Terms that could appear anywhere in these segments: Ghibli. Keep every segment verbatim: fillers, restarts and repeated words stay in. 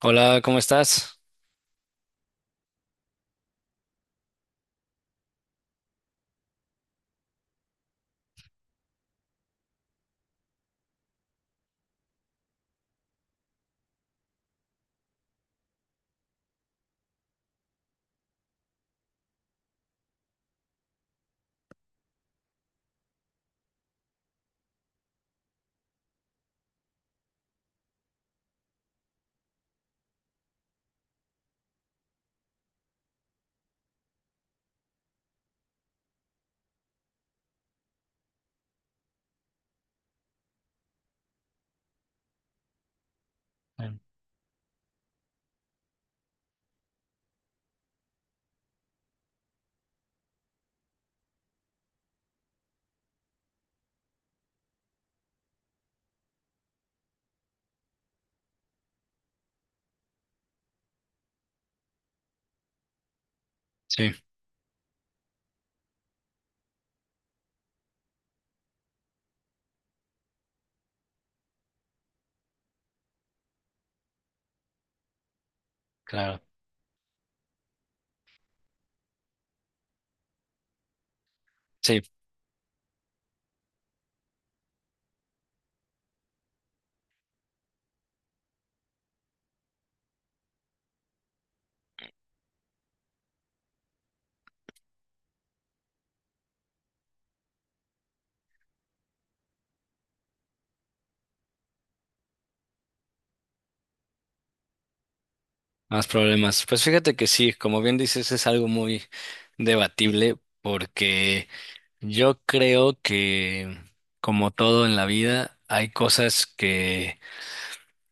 Hola, ¿cómo estás? Bien. Sí, claro. Sí, más problemas. Pues fíjate que sí, como bien dices, es algo muy debatible porque yo creo que, como todo en la vida, hay cosas que,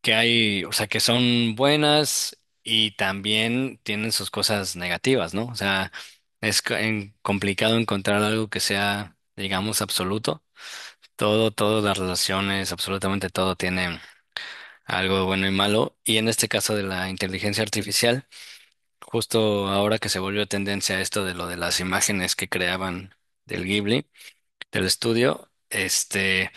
que hay, o sea, que son buenas y también tienen sus cosas negativas, ¿no? O sea, es co- en- complicado encontrar algo que sea, digamos, absoluto. Todo, todas las relaciones, absolutamente todo tiene algo de bueno y malo. Y en este caso de la inteligencia artificial, justo ahora que se volvió tendencia esto de lo de las imágenes que creaban del Ghibli, del estudio, este,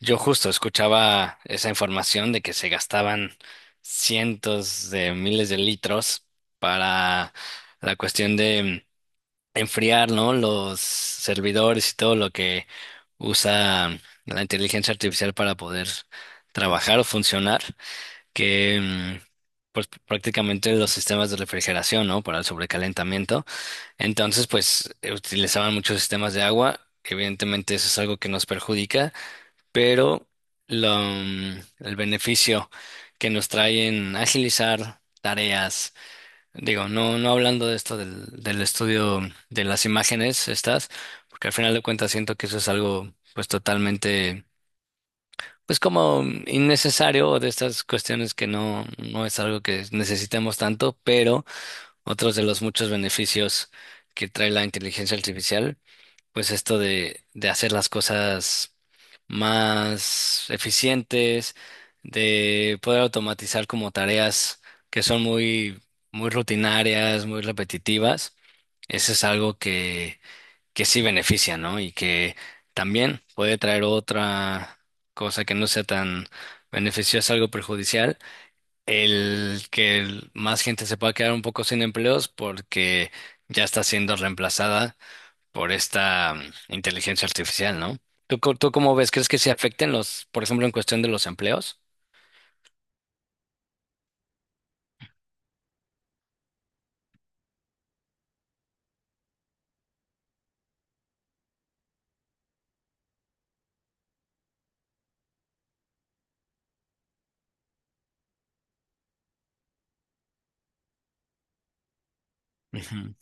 yo justo escuchaba esa información de que se gastaban cientos de miles de litros para la cuestión de enfriar, ¿no? Los servidores y todo lo que usa la inteligencia artificial para poder trabajar o funcionar que mm, pues prácticamente los sistemas de refrigeración, ¿no? Para el sobrecalentamiento. Entonces, pues eh, utilizaban muchos sistemas de agua. Evidentemente eso es algo que nos perjudica, pero lo, mm, el beneficio que nos trae en agilizar tareas, digo, no, no hablando de esto del, del estudio de las imágenes estas, porque al final de cuentas siento que eso es algo pues totalmente pues como innecesario o de estas cuestiones que no, no es algo que necesitemos tanto, pero otros de los muchos beneficios que trae la inteligencia artificial, pues esto de, de hacer las cosas más eficientes, de poder automatizar como tareas que son muy, muy rutinarias, muy repetitivas. Eso es algo que que sí beneficia, ¿no? Y que también puede traer otra cosa que no sea tan beneficiosa, algo perjudicial, el que el- más gente se pueda quedar un poco sin empleos porque ya está siendo reemplazada por esta mm, inteligencia artificial, ¿no? ¿Tú, co- Tú cómo ves? ¿Crees que se afecten los, por ejemplo, en cuestión de los empleos? Ujú.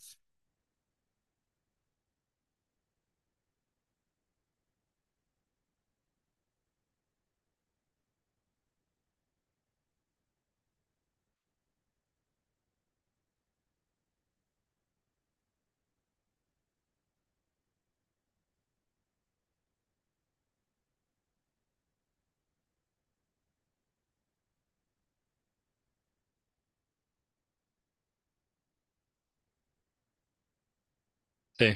Sí,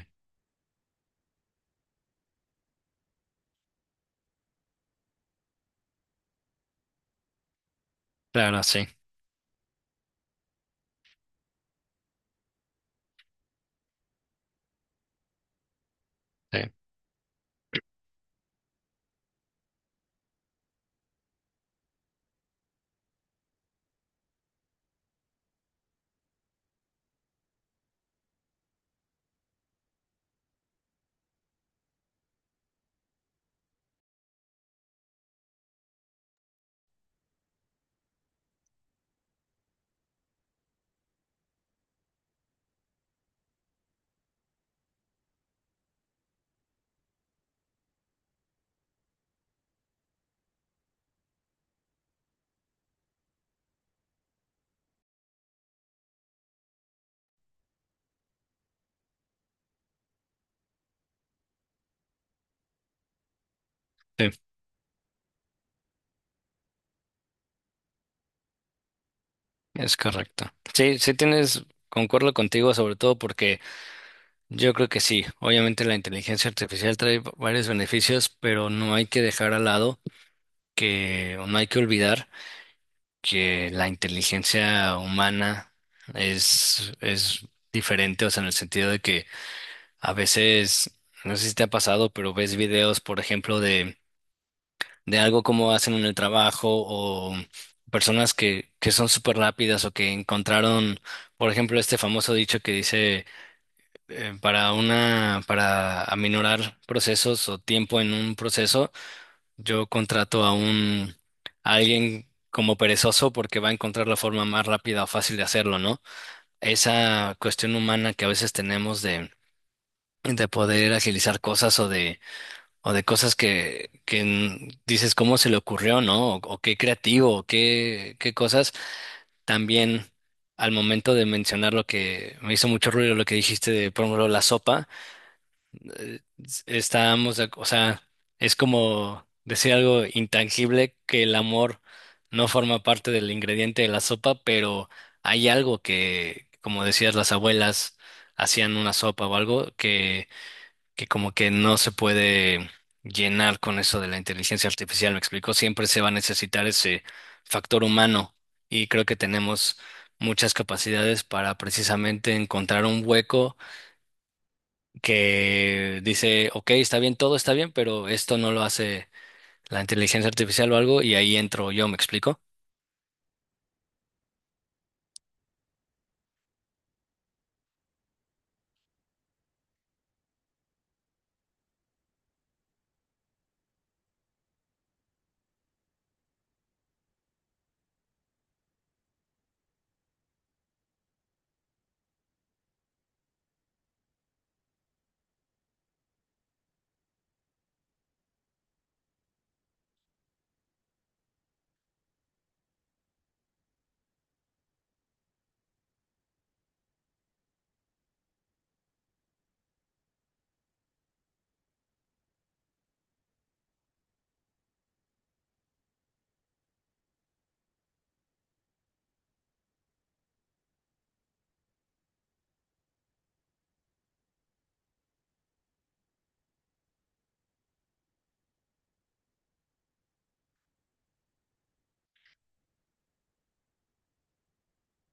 claro, sí, sí, sí, es correcto. Sí, sí tienes, concuerdo contigo, sobre todo porque yo creo que sí. Obviamente la inteligencia artificial trae va- varios beneficios, pero no hay que dejar al lado que, o no hay que olvidar que la inteligencia humana es, es diferente, o sea, en el sentido de que a veces, no sé si te ha pasado, pero ves videos, por ejemplo, de, de algo como hacen en el trabajo o personas que, que son súper rápidas o que encontraron, por ejemplo, este famoso dicho que dice... eh, para una, para aminorar procesos o tiempo en un proceso, yo contrato a un, a alguien como perezoso porque va a encontrar la forma más rápida o fácil de hacerlo, ¿no? Esa cuestión humana que a veces tenemos de, de poder agilizar cosas o de, o de cosas que, que n- dices cómo se le ocurrió, ¿no? O, o qué creativo, o qué, qué cosas también. Al momento de mencionar lo que me hizo mucho ruido, lo que dijiste de, por ejemplo, la sopa, eh, estábamos, de ac- o sea, es como decir algo intangible que el amor no forma parte del ingrediente de la sopa, pero hay algo que, como decías, las abuelas hacían una sopa o algo que, que como que no se puede llenar con eso de la inteligencia artificial, me explico, siempre se va a necesitar ese factor humano y creo que tenemos muchas capacidades para precisamente encontrar un hueco que dice, ok, está bien, todo está bien, pero esto no lo hace la inteligencia artificial o algo, y ahí entro yo, ¿me explico?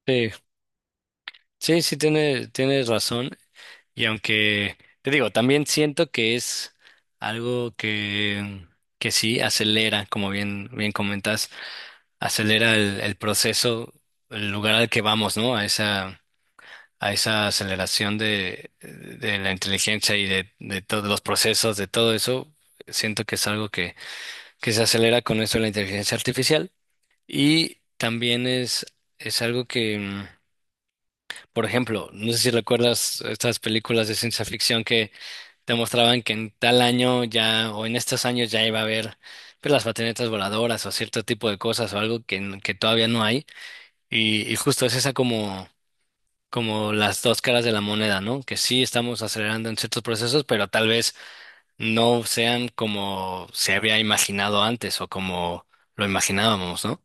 Sí, sí, sí, tiene, tienes razón. Y aunque, te digo, también siento que es algo que, que sí acelera, como bien, bien comentas, acelera el, el proceso, el lugar al que vamos, ¿no? A esa, a esa aceleración de, de la inteligencia y de, de todos los procesos, de todo eso, siento que es algo que que se acelera con esto de la inteligencia artificial. Y también es, es algo que, mm, por ejemplo, no sé si recuerdas estas películas de ciencia ficción que te mostraban que en tal año ya, o en estos años ya iba a haber pues, las patinetas voladoras o cierto tipo de cosas o algo que, n- que todavía no hay. Y, y justo es esa como... como las dos caras de la moneda, ¿no? Que sí estamos acelerando en ciertos procesos, pero tal vez no sean como se había imaginado antes o como lo imaginábamos, ¿no?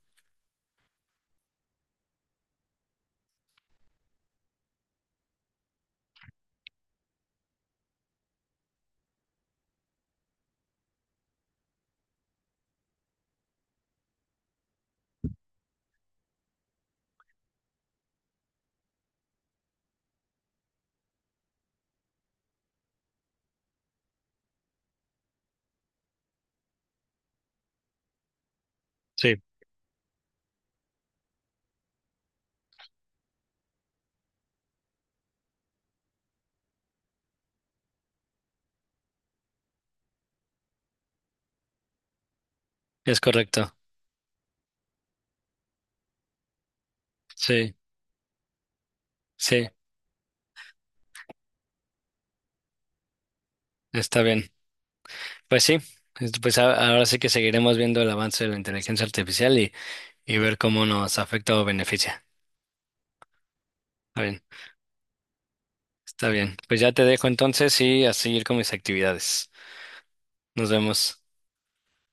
Es correcto. Sí, sí, está bien. Pues sí, es- pues a- ahora sí que seguiremos viendo el avance de la inteligencia artificial y, y ver cómo nos afecta o beneficia. Está bien, está bien. Pues ya te dejo entonces y a seguir con mis actividades. Nos vemos.